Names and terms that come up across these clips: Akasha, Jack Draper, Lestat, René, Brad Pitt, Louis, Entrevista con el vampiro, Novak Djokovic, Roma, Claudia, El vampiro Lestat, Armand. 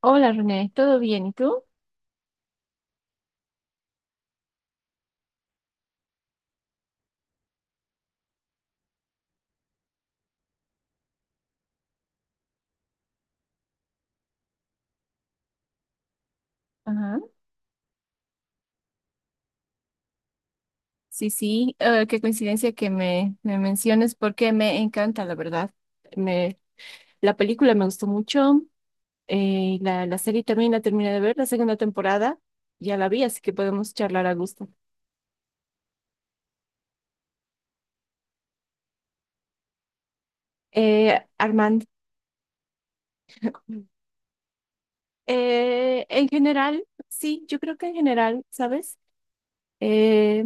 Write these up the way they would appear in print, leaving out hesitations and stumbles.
Hola René, ¿todo bien? ¿Y tú? Ajá. Sí, sí, qué coincidencia que me menciones porque me encanta, la verdad. Me, la película me gustó mucho, la serie también la terminé de ver, la segunda temporada ya la vi, así que podemos charlar a gusto. Armand. Eh, en general, sí, yo creo que en general, ¿sabes? Eh,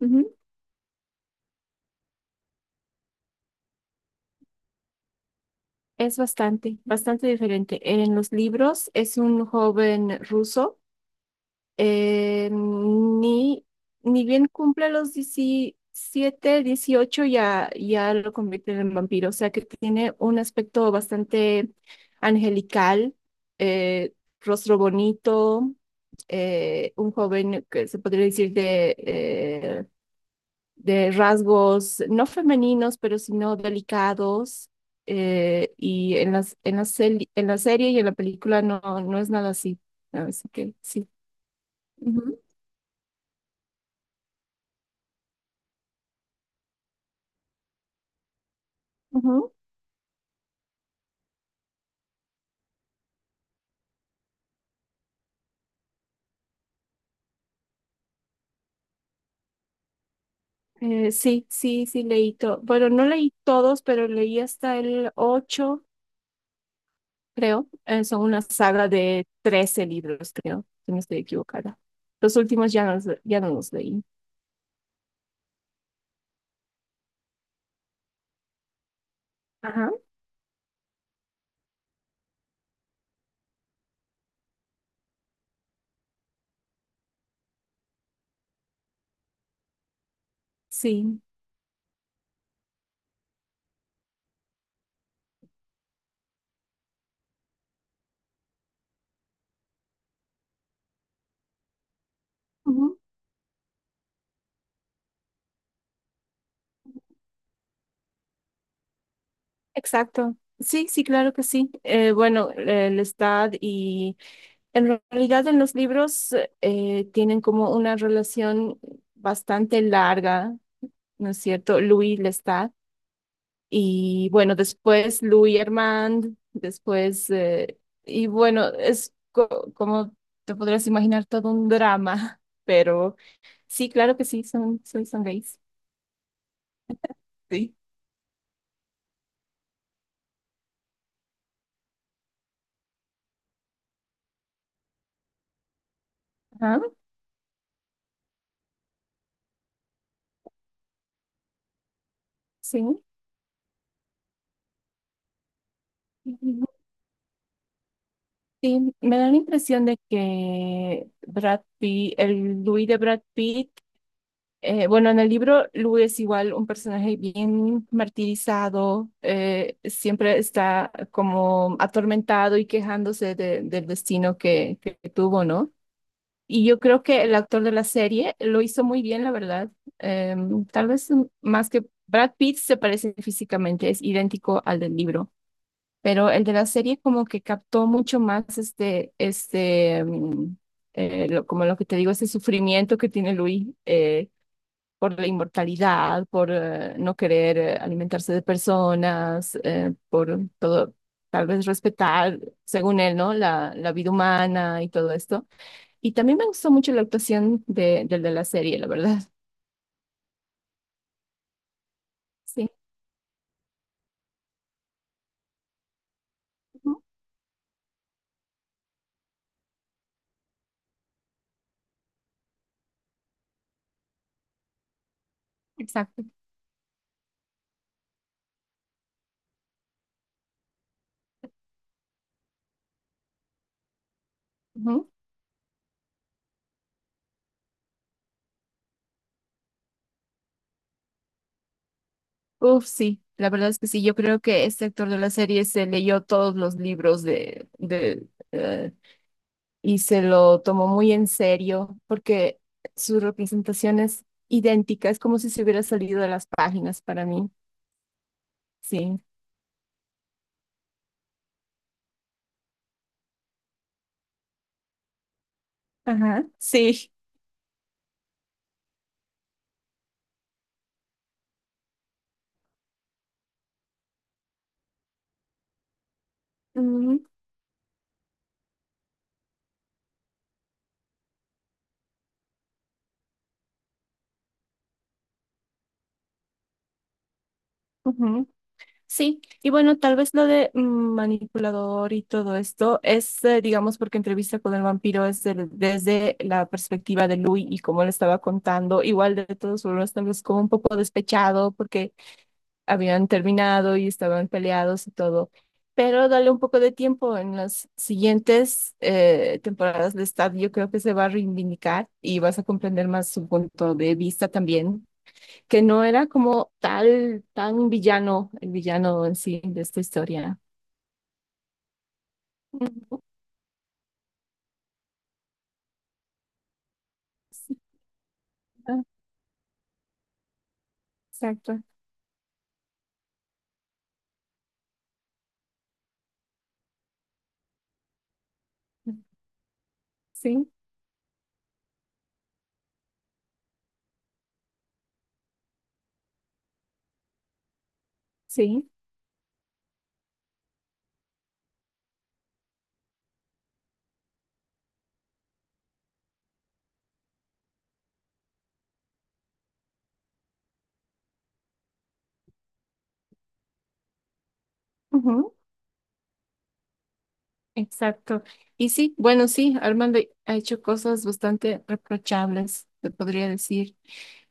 ujú, es bastante, bastante diferente. En los libros es un joven ruso. eh, ni, Ni bien cumple los 17 dieciocho, ya lo convierten en vampiro. O sea que tiene un aspecto bastante angelical, eh, rostro bonito, un joven que se podría decir de, de rasgos no femeninos, pero sino delicados. Y en la en la serie y en la película no, no es nada así. Así que sí. Ujú, ujú. Sí, sí, sí, leí todo. Bueno, no leí todos, pero leí hasta el 8, creo. Son una saga de 13 libros, creo, si no estoy equivocada. Los últimos ya no, ya no los leí. Ajá. Sí. Ujú. Exacto. Sí, sí, claro que sí. Bueno, el estado y en realidad en los libros tienen como una relación bastante larga, ¿no es cierto? Louis Lestat. Y bueno, después Louis Armand, después, y bueno, es como te podrás imaginar todo un drama, pero sí, claro que sí, son, son, son gays. Sí. Ajá, sí. Y y me da la impresión de que Brad Pitt, el Louis de Brad Pitt... bueno, en el libro Lu es igual un personaje bien martirizado, siempre está como atormentado y quejándose del destino que tuvo, ¿no? Y yo creo que el actor de la serie lo hizo muy bien, la verdad. Tal vez mm, más que Brad Pitt se parece físicamente, es idéntico al del libro, pero el de la serie como que captó mucho más este, este, como lo que te digo, ese sufrimiento que tiene Louis. Por la inmortalidad, por no querer alimentarse de personas, por todo, tal vez respetar, según él, ¿no? La vida humana y todo esto. Y también me gustó mucho la actuación de, del de la serie, la verdad. Sí. Ujú. Exacto. Ujú. Uf, sí. La verdad es que sí, yo creo que este actor de la serie se leyó todos los libros de, eh, y se lo tomó muy en serio porque su representación es idéntica, es como si se hubiera salido de las páginas para mí. Sí. Ajá. Sí. Ujú, ujú. Sí, y bueno, tal vez lo de mm, manipulador y todo esto es, digamos, porque entrevista con el vampiro es desde la perspectiva de Louis y como le estaba contando, igual de todos formas, tal vez como un poco despechado porque habían terminado y estaban peleados y todo. Pero dale un poco de tiempo. En las siguientes temporadas de Stab, yo creo que se va a reivindicar y vas a comprender más su punto de vista también, que no era como tal, tan villano, el villano en sí de esta historia. Mm, sí, ah, exacto. Sí, sí. Exacto. Y sí, bueno, sí, Armando ha hecho cosas bastante reprochables, te podría decir.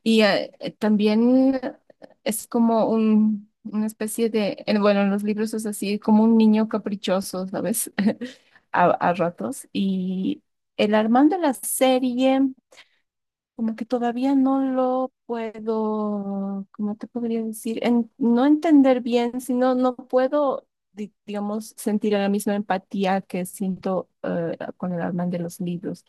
Y también es como un, una especie de, bueno, en los libros es así, como un niño caprichoso, ¿sabes? A, a ratos. Y el Armando de la serie como que todavía no lo puedo, ¿cómo te podría decir? No entender bien, sino no puedo, digamos, sentir la misma empatía que siento con el Alman de los libros.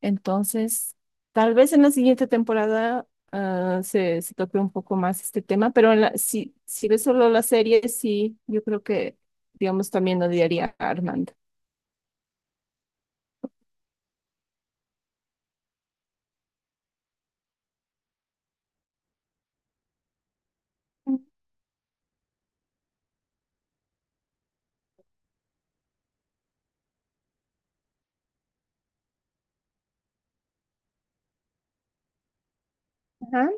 Entonces, tal vez en la siguiente temporada se, se toque un poco más este tema, pero en si, si ves solo la serie, sí, yo creo que, digamos, también odiaría a Armand. Ujú. Ajá.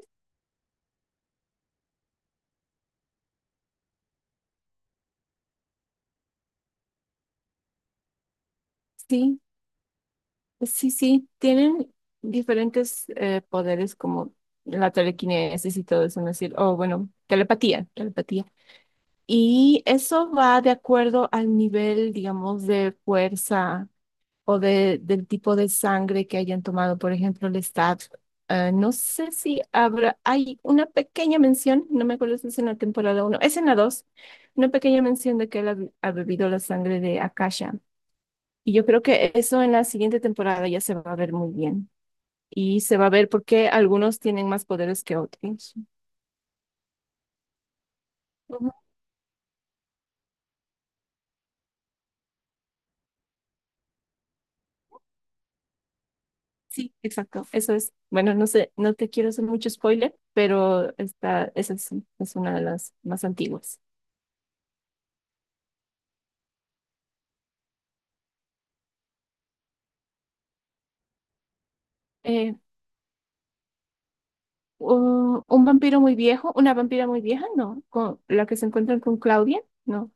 Sí. Sí, sí, tienen diferentes poderes como la telequinesis y todo eso, ¿no es decir? O bueno, telepatía, telepatía. Y eso va de acuerdo al nivel, digamos, de fuerza o de, del tipo de sangre que hayan tomado. Por ejemplo, el Stab. No sé si habrá, hay una pequeña mención, no me acuerdo si es en la temporada uno, es en la 2. Una pequeña mención de que él ha bebido la sangre de Akasha. Y yo creo que eso en la siguiente temporada ya se va a ver muy bien y se va a ver por qué algunos tienen más poderes que otros. Ujú. Sí, exacto, eso es. Bueno, no sé, no te quiero hacer mucho spoiler, pero esta, esa es una de las más antiguas. Eh, un vampiro muy viejo, una vampira muy vieja, no, con la que se encuentran con Claudia, no.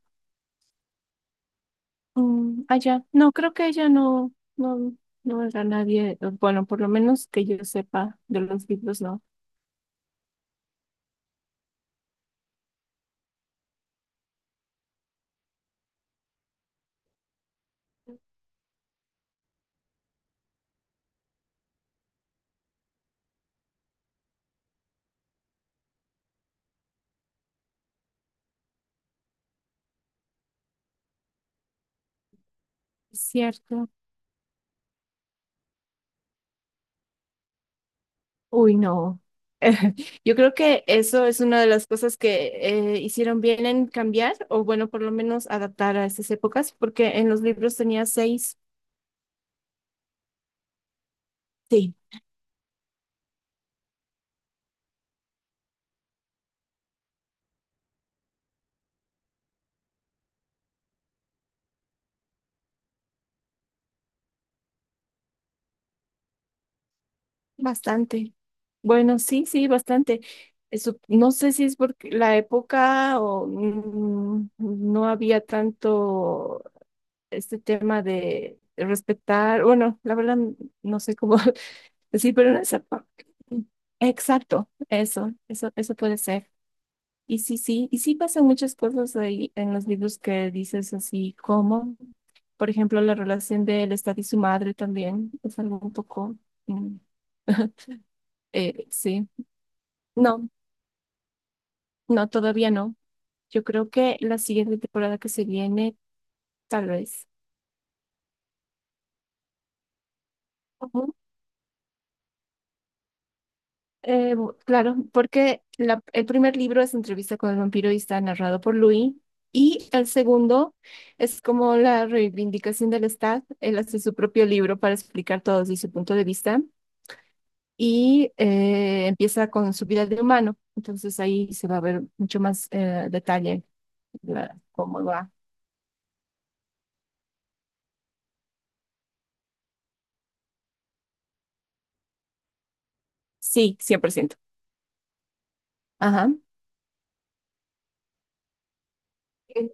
Mm, ah, ya, no, creo que ella no, no, no era nadie, bueno, por lo menos que yo sepa de los libros, no. Es cierto. Uy, no. Yo creo que eso es una de las cosas que hicieron bien en cambiar, o bueno, por lo menos adaptar a estas épocas, porque en los libros tenía seis. Sí, bastante. Bueno, sí, sí, bastante. Eso, no sé si es porque la época o mm, no había tanto este tema de respetar, bueno, la verdad no sé cómo decir, pero en esa exacto, eso puede ser. Y sí, sí, y sí pasan muchas cosas ahí en los libros que dices así como, por ejemplo, la relación de él está y su madre también es algo un poco... mm, sí, no, no, todavía no. Yo creo que la siguiente temporada que se viene, tal vez. Claro, porque el primer libro es Entrevista con el vampiro y está narrado por Louis. Y el segundo es como la reivindicación del Estado. Él hace su propio libro para explicar todo desde su punto de vista y empieza con su vida de humano. Entonces ahí se va a ver mucho más detalle cómo va. Sí, 100%. Ajá. Eh,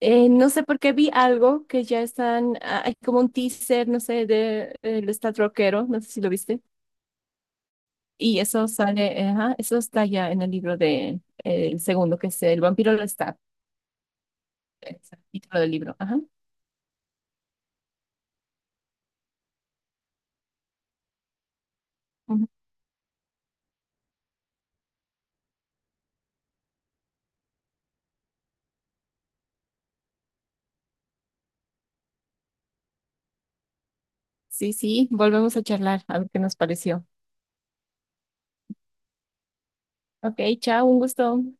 no sé por qué vi algo que ya están, ah, hay como un teaser, no sé, de, el Estado rockero, no sé si lo viste. Y eso sale, ajá, eso está ya en el libro de, el segundo, que es El vampiro lo está, es el título del libro. Ajá. Ujú. Sí, sí, volvemos a charlar, a ver qué nos pareció. Ok, chao, un gusto.